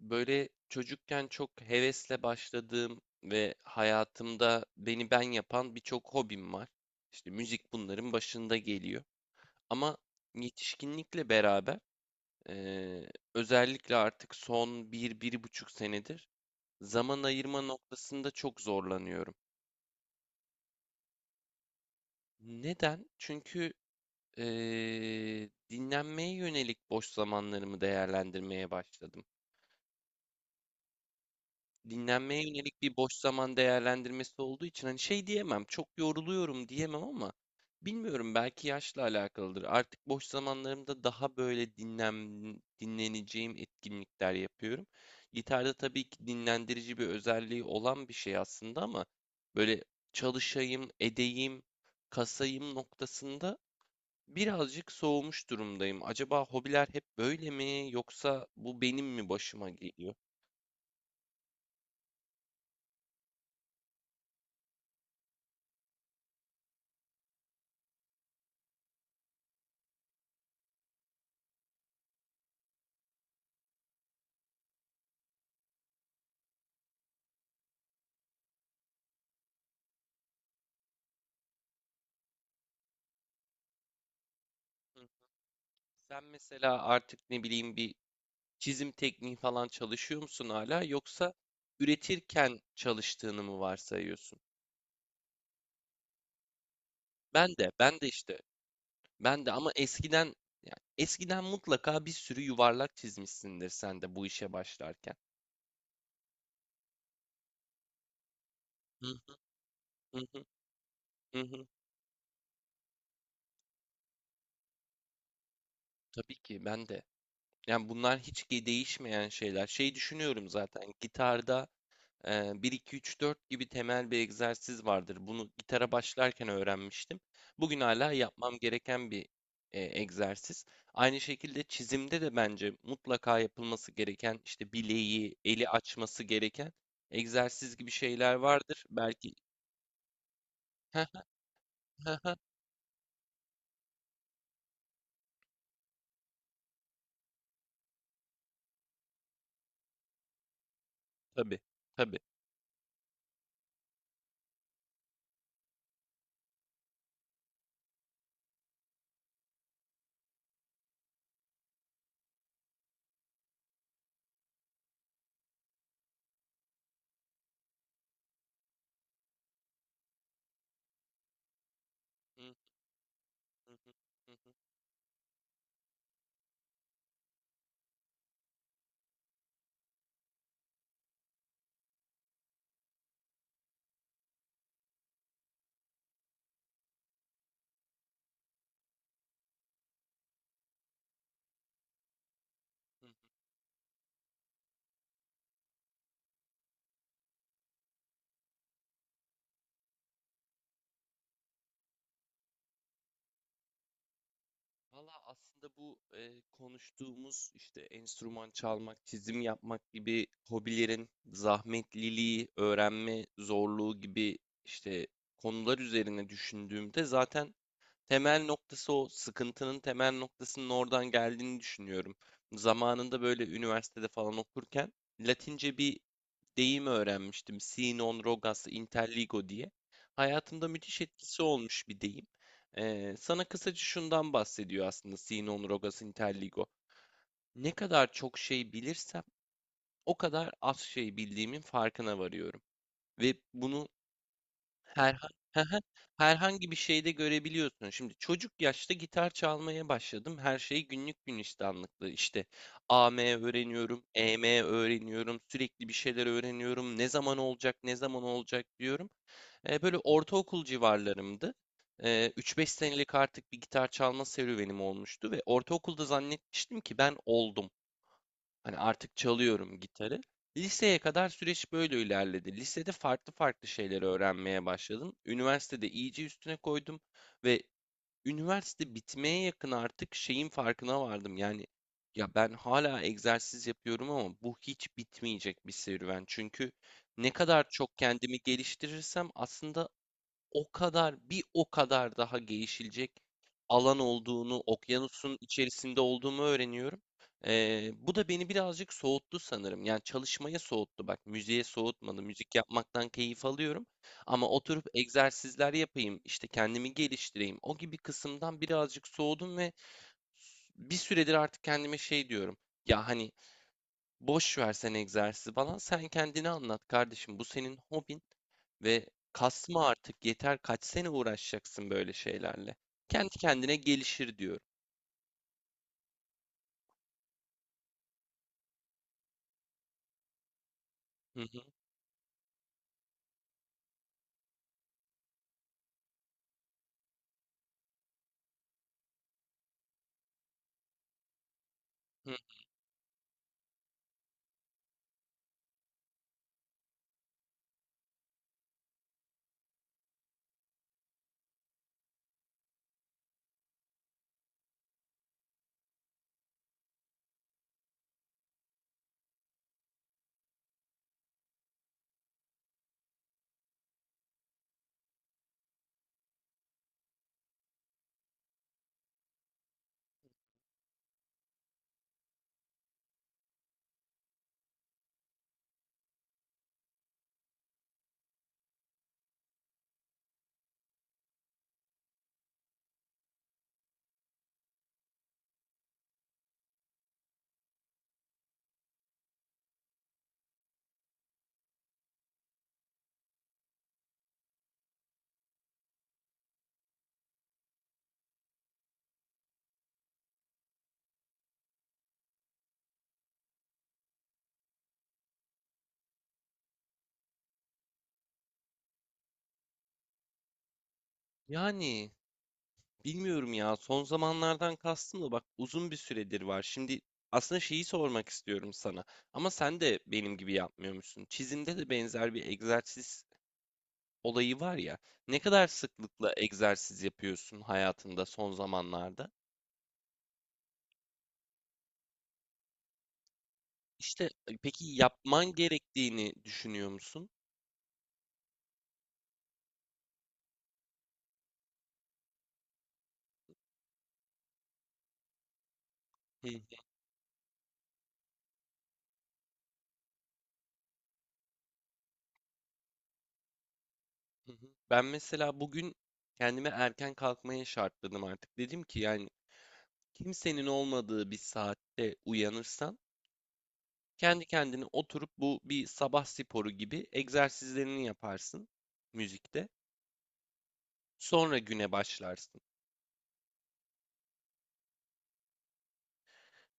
Böyle çocukken çok hevesle başladığım ve hayatımda beni ben yapan birçok hobim var. İşte müzik bunların başında geliyor. Ama yetişkinlikle beraber özellikle artık son bir buçuk senedir zaman ayırma noktasında çok zorlanıyorum. Neden? Çünkü dinlenmeye yönelik boş zamanlarımı değerlendirmeye başladım. Dinlenmeye yönelik bir boş zaman değerlendirmesi olduğu için hani şey diyemem, çok yoruluyorum diyemem ama bilmiyorum, belki yaşla alakalıdır. Artık boş zamanlarımda daha böyle dinleneceğim etkinlikler yapıyorum. Gitarda tabii ki dinlendirici bir özelliği olan bir şey aslında ama böyle çalışayım, edeyim, kasayım noktasında birazcık soğumuş durumdayım. Acaba hobiler hep böyle mi yoksa bu benim mi başıma geliyor? Sen mesela artık ne bileyim bir çizim tekniği falan çalışıyor musun hala, yoksa üretirken çalıştığını mı varsayıyorsun? Ben de işte ben de ama eskiden, yani eskiden mutlaka bir sürü yuvarlak çizmişsindir sen de bu işe başlarken. Hı hı. Hı hı. Hı. Tabii ki ben de. Yani bunlar hiç ki değişmeyen şeyler. Şey düşünüyorum, zaten gitarda bir 2 3 4 gibi temel bir egzersiz vardır. Bunu gitara başlarken öğrenmiştim. Bugün hala yapmam gereken bir egzersiz. Aynı şekilde çizimde de bence mutlaka yapılması gereken, işte bileği, eli açması gereken egzersiz gibi şeyler vardır. Belki tabii, tabii. Hı, hı, hı, hı, hı, hı. Valla aslında bu konuştuğumuz işte enstrüman çalmak, çizim yapmak gibi hobilerin zahmetliliği, öğrenme zorluğu gibi işte konular üzerine düşündüğümde, zaten temel noktası, o sıkıntının temel noktasının oradan geldiğini düşünüyorum. Zamanında böyle üniversitede falan okurken Latince bir deyim öğrenmiştim. Si non rogas interligo diye. Hayatımda müthiş etkisi olmuş bir deyim. Sana kısaca şundan bahsediyor aslında, si non rogas interligo. Ne kadar çok şey bilirsem, o kadar az şey bildiğimin farkına varıyorum. Ve bunu Herhan herhangi bir şeyde görebiliyorsun. Şimdi çocuk yaşta gitar çalmaya başladım. Her şey günlük günistanlıktı. İşte A M öğreniyorum, E M öğreniyorum, sürekli bir şeyler öğreniyorum. Ne zaman olacak, ne zaman olacak diyorum. Böyle ortaokul civarlarımdı. 3-5 senelik artık bir gitar çalma serüvenim olmuştu ve ortaokulda zannetmiştim ki ben oldum. Hani artık çalıyorum gitarı. Liseye kadar süreç böyle ilerledi. Lisede farklı farklı şeyleri öğrenmeye başladım. Üniversitede iyice üstüne koydum ve üniversite bitmeye yakın artık şeyin farkına vardım. Yani ya ben hala egzersiz yapıyorum ama bu hiç bitmeyecek bir serüven. Çünkü ne kadar çok kendimi geliştirirsem aslında, o kadar bir o kadar daha gelişilecek alan olduğunu, okyanusun içerisinde olduğumu öğreniyorum. Bu da beni birazcık soğuttu sanırım. Yani çalışmaya soğuttu. Bak, müziğe soğutmadı. Müzik yapmaktan keyif alıyorum. Ama oturup egzersizler yapayım, işte kendimi geliştireyim, o gibi kısımdan birazcık soğudum ve bir süredir artık kendime şey diyorum. Ya hani boş versen egzersizi falan, sen kendini anlat kardeşim. Bu senin hobin ve kasma artık, yeter, kaç sene uğraşacaksın böyle şeylerle. Kendi kendine gelişir, diyorum. Hı hı. Hı. Yani bilmiyorum ya, son zamanlardan kastım da bak uzun bir süredir var. Şimdi aslında şeyi sormak istiyorum sana. Ama sen de benim gibi yapmıyormuşsun. Çizimde de benzer bir egzersiz olayı var ya. Ne kadar sıklıkla egzersiz yapıyorsun hayatında son zamanlarda? İşte, peki yapman gerektiğini düşünüyor musun? Hı hı. Hı. Ben mesela bugün kendime erken kalkmaya şartladım artık. Dedim ki yani, kimsenin olmadığı bir saatte uyanırsan kendi kendine oturup bu bir sabah sporu gibi egzersizlerini yaparsın müzikte. Sonra güne başlarsın.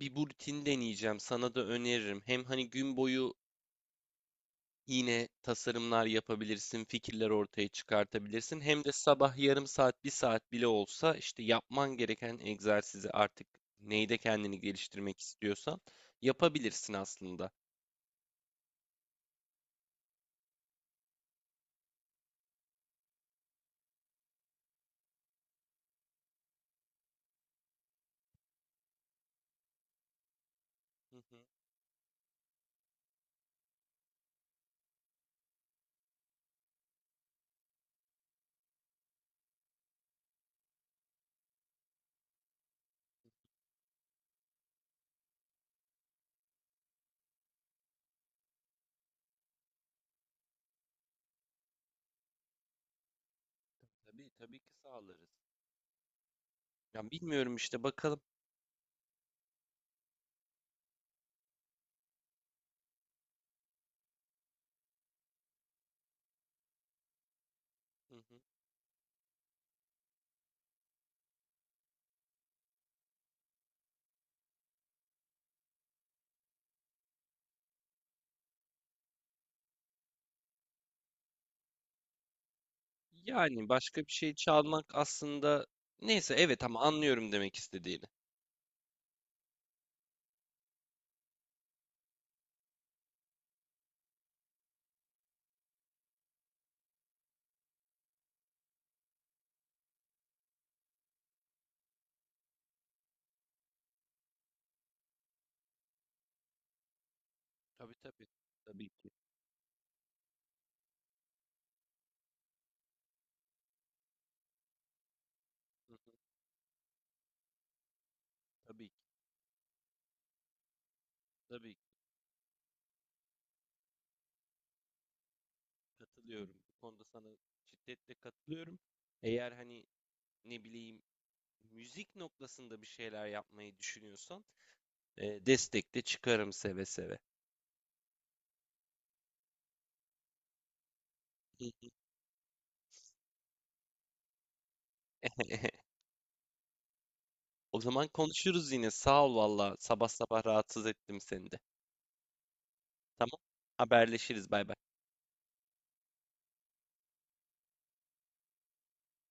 Bir, bu rutin deneyeceğim, sana da öneririm. Hem hani gün boyu yine tasarımlar yapabilirsin, fikirler ortaya çıkartabilirsin. Hem de sabah yarım saat, bir saat bile olsa işte yapman gereken egzersizi artık, neyde kendini geliştirmek istiyorsan, yapabilirsin aslında. Hı hı. Tabii, tabii ki sağlarız. Ya bilmiyorum işte, bakalım. Hı hı. Yani başka bir şey çalmak aslında, neyse, evet, ama anlıyorum demek istediğini. Tabii, tabii. Tabii ki. Hı hı. Tabii ki. Tabii ki. Katılıyorum. Bu konuda sana şiddetle katılıyorum. Eğer hani ne bileyim müzik noktasında bir şeyler yapmayı düşünüyorsan, destek çıkarım seve seve. O zaman konuşuruz yine. Sağ ol valla. Sabah sabah rahatsız ettim seni de. Tamam. Haberleşiriz. Bay bay.